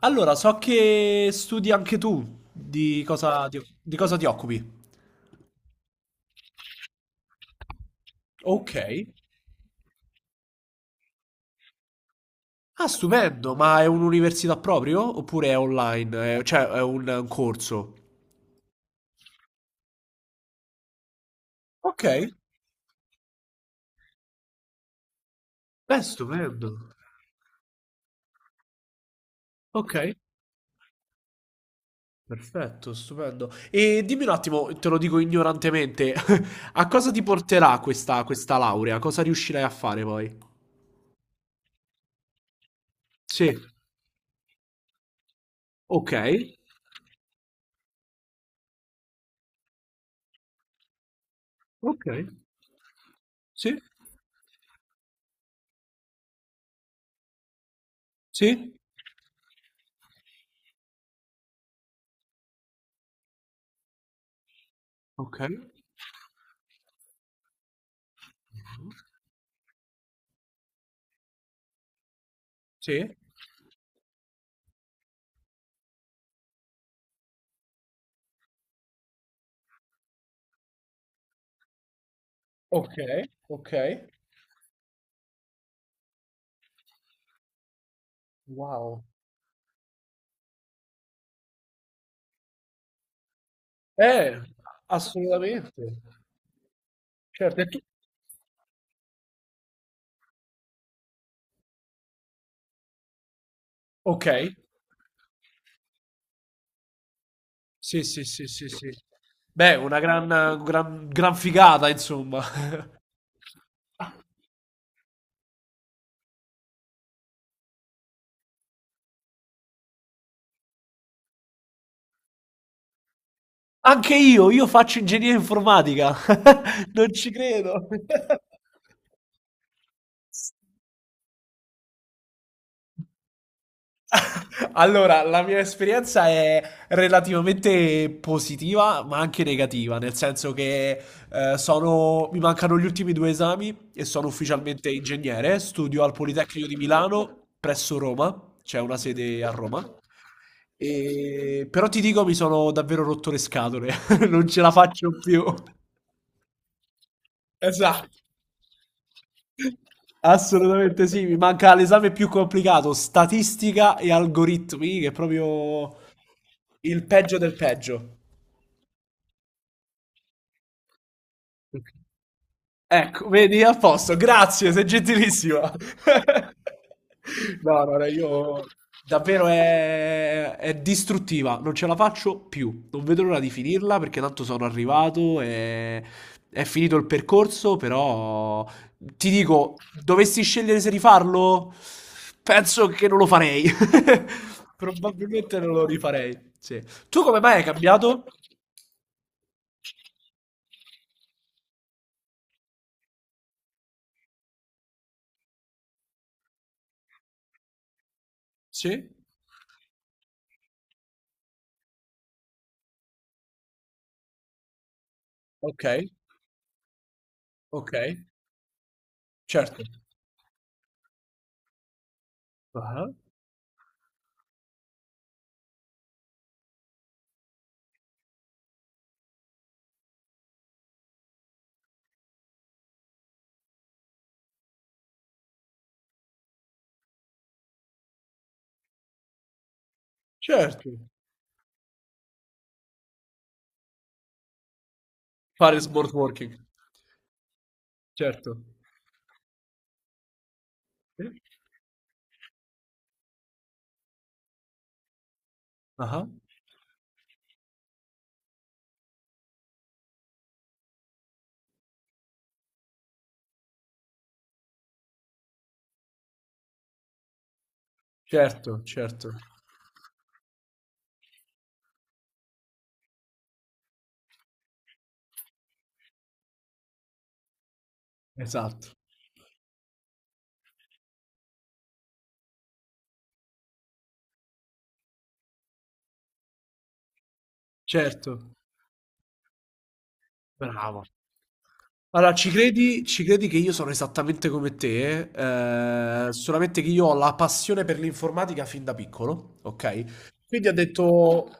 Allora, so che studi anche tu. Di cosa ti occupi? Ok. Ah, stupendo, ma è un'università proprio? Oppure è online? È un corso? Ok. Beh, stupendo. Ok. Perfetto, stupendo. E dimmi un attimo, te lo dico ignorantemente, a cosa ti porterà questa laurea? Cosa riuscirai a fare poi? Sì. Ok. Ok. Sì. Sì. Ok. Sì. Ok. Ok. Wow. Eh, assolutamente. Certo, e tu? Ok. Sì, sì, sì, sì, sì. Beh, una gran, gran, gran figata, insomma. Anche io faccio ingegneria informatica. Non ci credo. Allora, la mia esperienza è relativamente positiva, ma anche negativa, nel senso che mi mancano gli ultimi due esami e sono ufficialmente ingegnere. Studio al Politecnico di Milano presso Roma, c'è una sede a Roma. Però ti dico, mi sono davvero rotto le scatole, non ce la faccio più. Esatto. Assolutamente sì, mi manca l'esame più complicato, statistica e algoritmi, che è proprio il peggio del peggio. Ecco, vedi, a posto, grazie, sei gentilissima. No, no, no, io davvero è distruttiva, non ce la faccio più. Non vedo l'ora di finirla perché tanto sono arrivato e è finito il percorso, però ti dico, dovessi scegliere se rifarlo, penso che non lo farei. Probabilmente non lo rifarei. Sì. Tu come mai hai cambiato? Sì. Ok, ok, certo. Ah. Certo, fare smart working, certo. Sì. Ah-ah. Certo, certo. Esatto. Certo. Bravo. Allora, ci credi che io sono esattamente come te, solamente che io ho la passione per l'informatica fin da piccolo, okay, quindi ho detto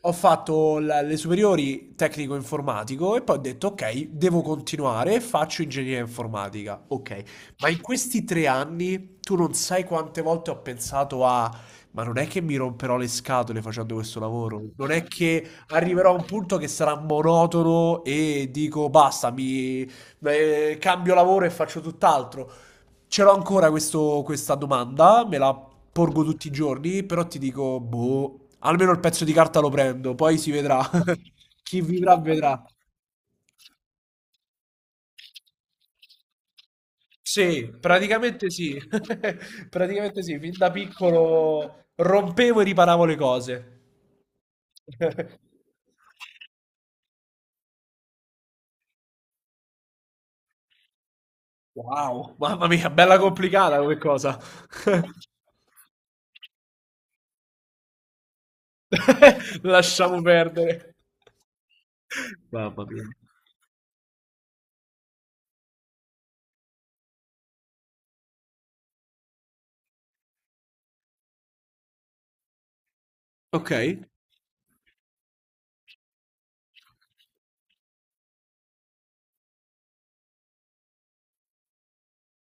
ho fatto la le superiori tecnico informatico e poi ho detto: "Okay, devo continuare e faccio ingegneria informatica." Okay, ma in questi 3 anni tu non sai quante volte ho pensato a: "Ma non è che mi romperò le scatole facendo questo lavoro? Non è che arriverò a un punto che sarà monotono e dico: 'Basta, mi cambio lavoro e faccio tutt'altro. Ce l'ho ancora questa domanda, me la porgo tutti i giorni, però ti dico, boh, almeno il pezzo di carta lo prendo, poi si vedrà. Chi vivrà vedrà. Sì, praticamente sì. Praticamente sì, fin da piccolo rompevo e riparavo le cose. Wow, mamma mia, bella complicata come cosa. Lasciamo perdere. Mamma mia. Ok.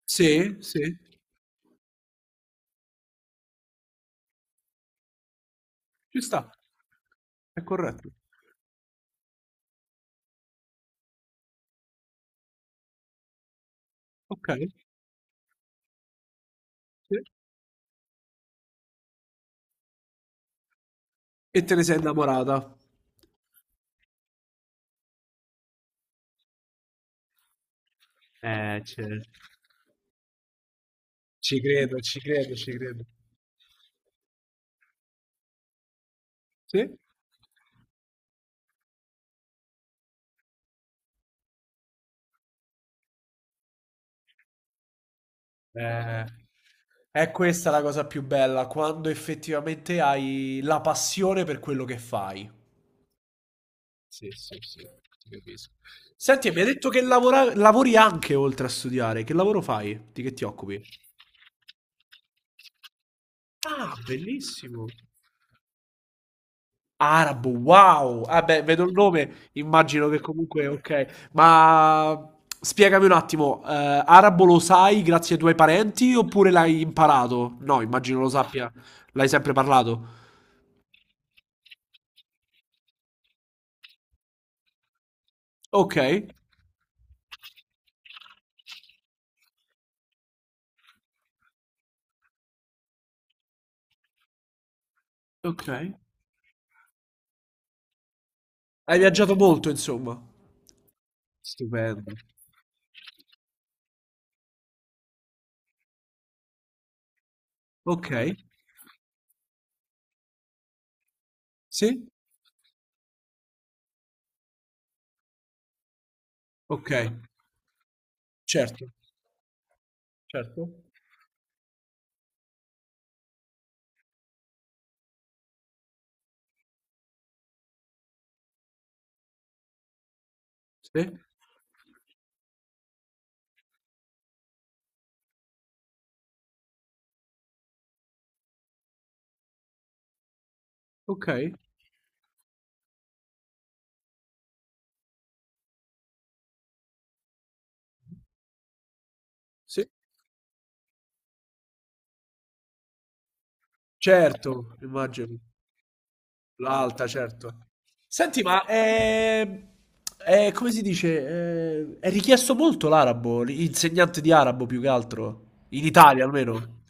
Sì, sì, ci sta. È corretto. Okay, sì. E te ne sei innamorata. Cer Ci credo, ci credo, ci credo. Sì. Eh, è questa la cosa più bella, quando effettivamente hai la passione per quello che fai. Sì, sì, sì, ti capisco. Senti, e mi hai detto che lavora lavori anche oltre a studiare. Che lavoro fai? Di che ti occupi? Ah, bellissimo. Arabo, wow! Ah beh, vedo il nome, immagino che comunque okay. Ma spiegami un attimo, arabo lo sai grazie ai tuoi parenti oppure l'hai imparato? No, immagino lo sappia. L'hai sempre parlato? Okay, okay. Hai viaggiato molto insomma. Stupendo. Okay. Sì? Okay. Certo, certo. Sì. Okay. Sì. Certo, immagino. L'alta, certo. Senti, ma è- come si dice? È richiesto molto l'arabo, l'insegnante di arabo più che altro, in Italia almeno.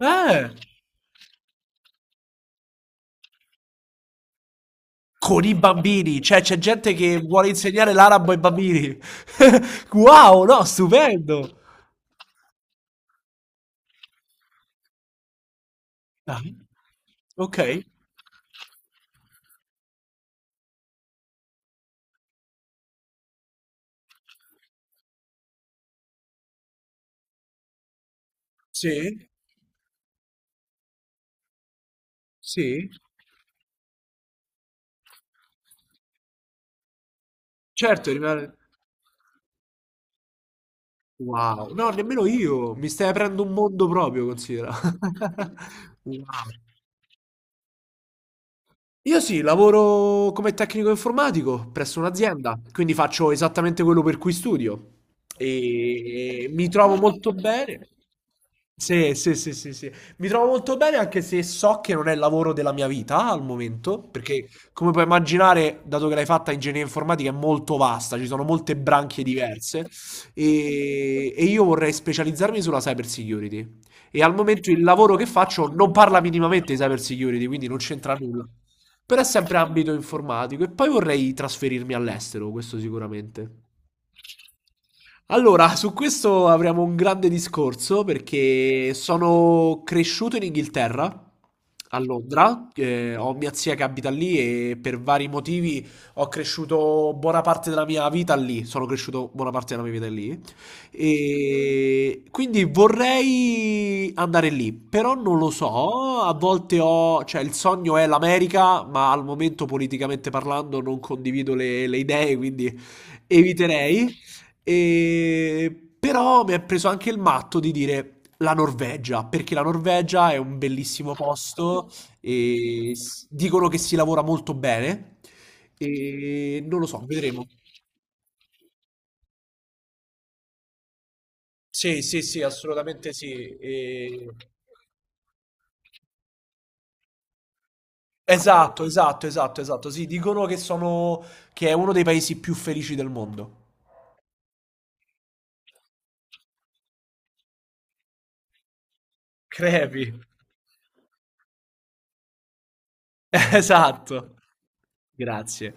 Eh, con i bambini, cioè c'è gente che vuole insegnare l'arabo ai bambini. Wow, no, stupendo. Ah, ok, sì, sì, certo, rimane... Wow, no, nemmeno io, mi stai aprendo un mondo proprio, considera. Wow. Io sì, lavoro come tecnico informatico presso un'azienda, quindi faccio esattamente quello per cui studio e mi trovo molto bene. Sì, sì, sì, sì, sì. Mi trovo molto bene anche se so che non è il lavoro della mia vita al momento, perché come puoi immaginare, dato che l'hai fatta ingegneria informatica è molto vasta, ci sono molte branche diverse e io vorrei specializzarmi sulla cyber security. E al momento il lavoro che faccio non parla minimamente di cyber security, quindi non c'entra nulla. Però è sempre ambito informatico. E poi vorrei trasferirmi all'estero, questo sicuramente. Allora, su questo avremo un grande discorso perché sono cresciuto in Inghilterra, a Londra, ho mia zia che abita lì e per vari motivi ho cresciuto buona parte della mia vita lì, sono cresciuto buona parte della mia vita lì e quindi vorrei andare lì, però non lo so, a volte ho, cioè il sogno è l'America, ma al momento politicamente parlando non condivido le idee, quindi eviterei. E... Però mi è preso anche il matto di dire la Norvegia, perché la Norvegia è un bellissimo posto e dicono che si lavora molto bene. E non lo so, vedremo. Sì, sì, sì, assolutamente sì. E- Esatto, esatto, esatto, esatto. Sì, dicono che sono che è uno dei paesi più felici del mondo. Crepi. Esatto. Grazie.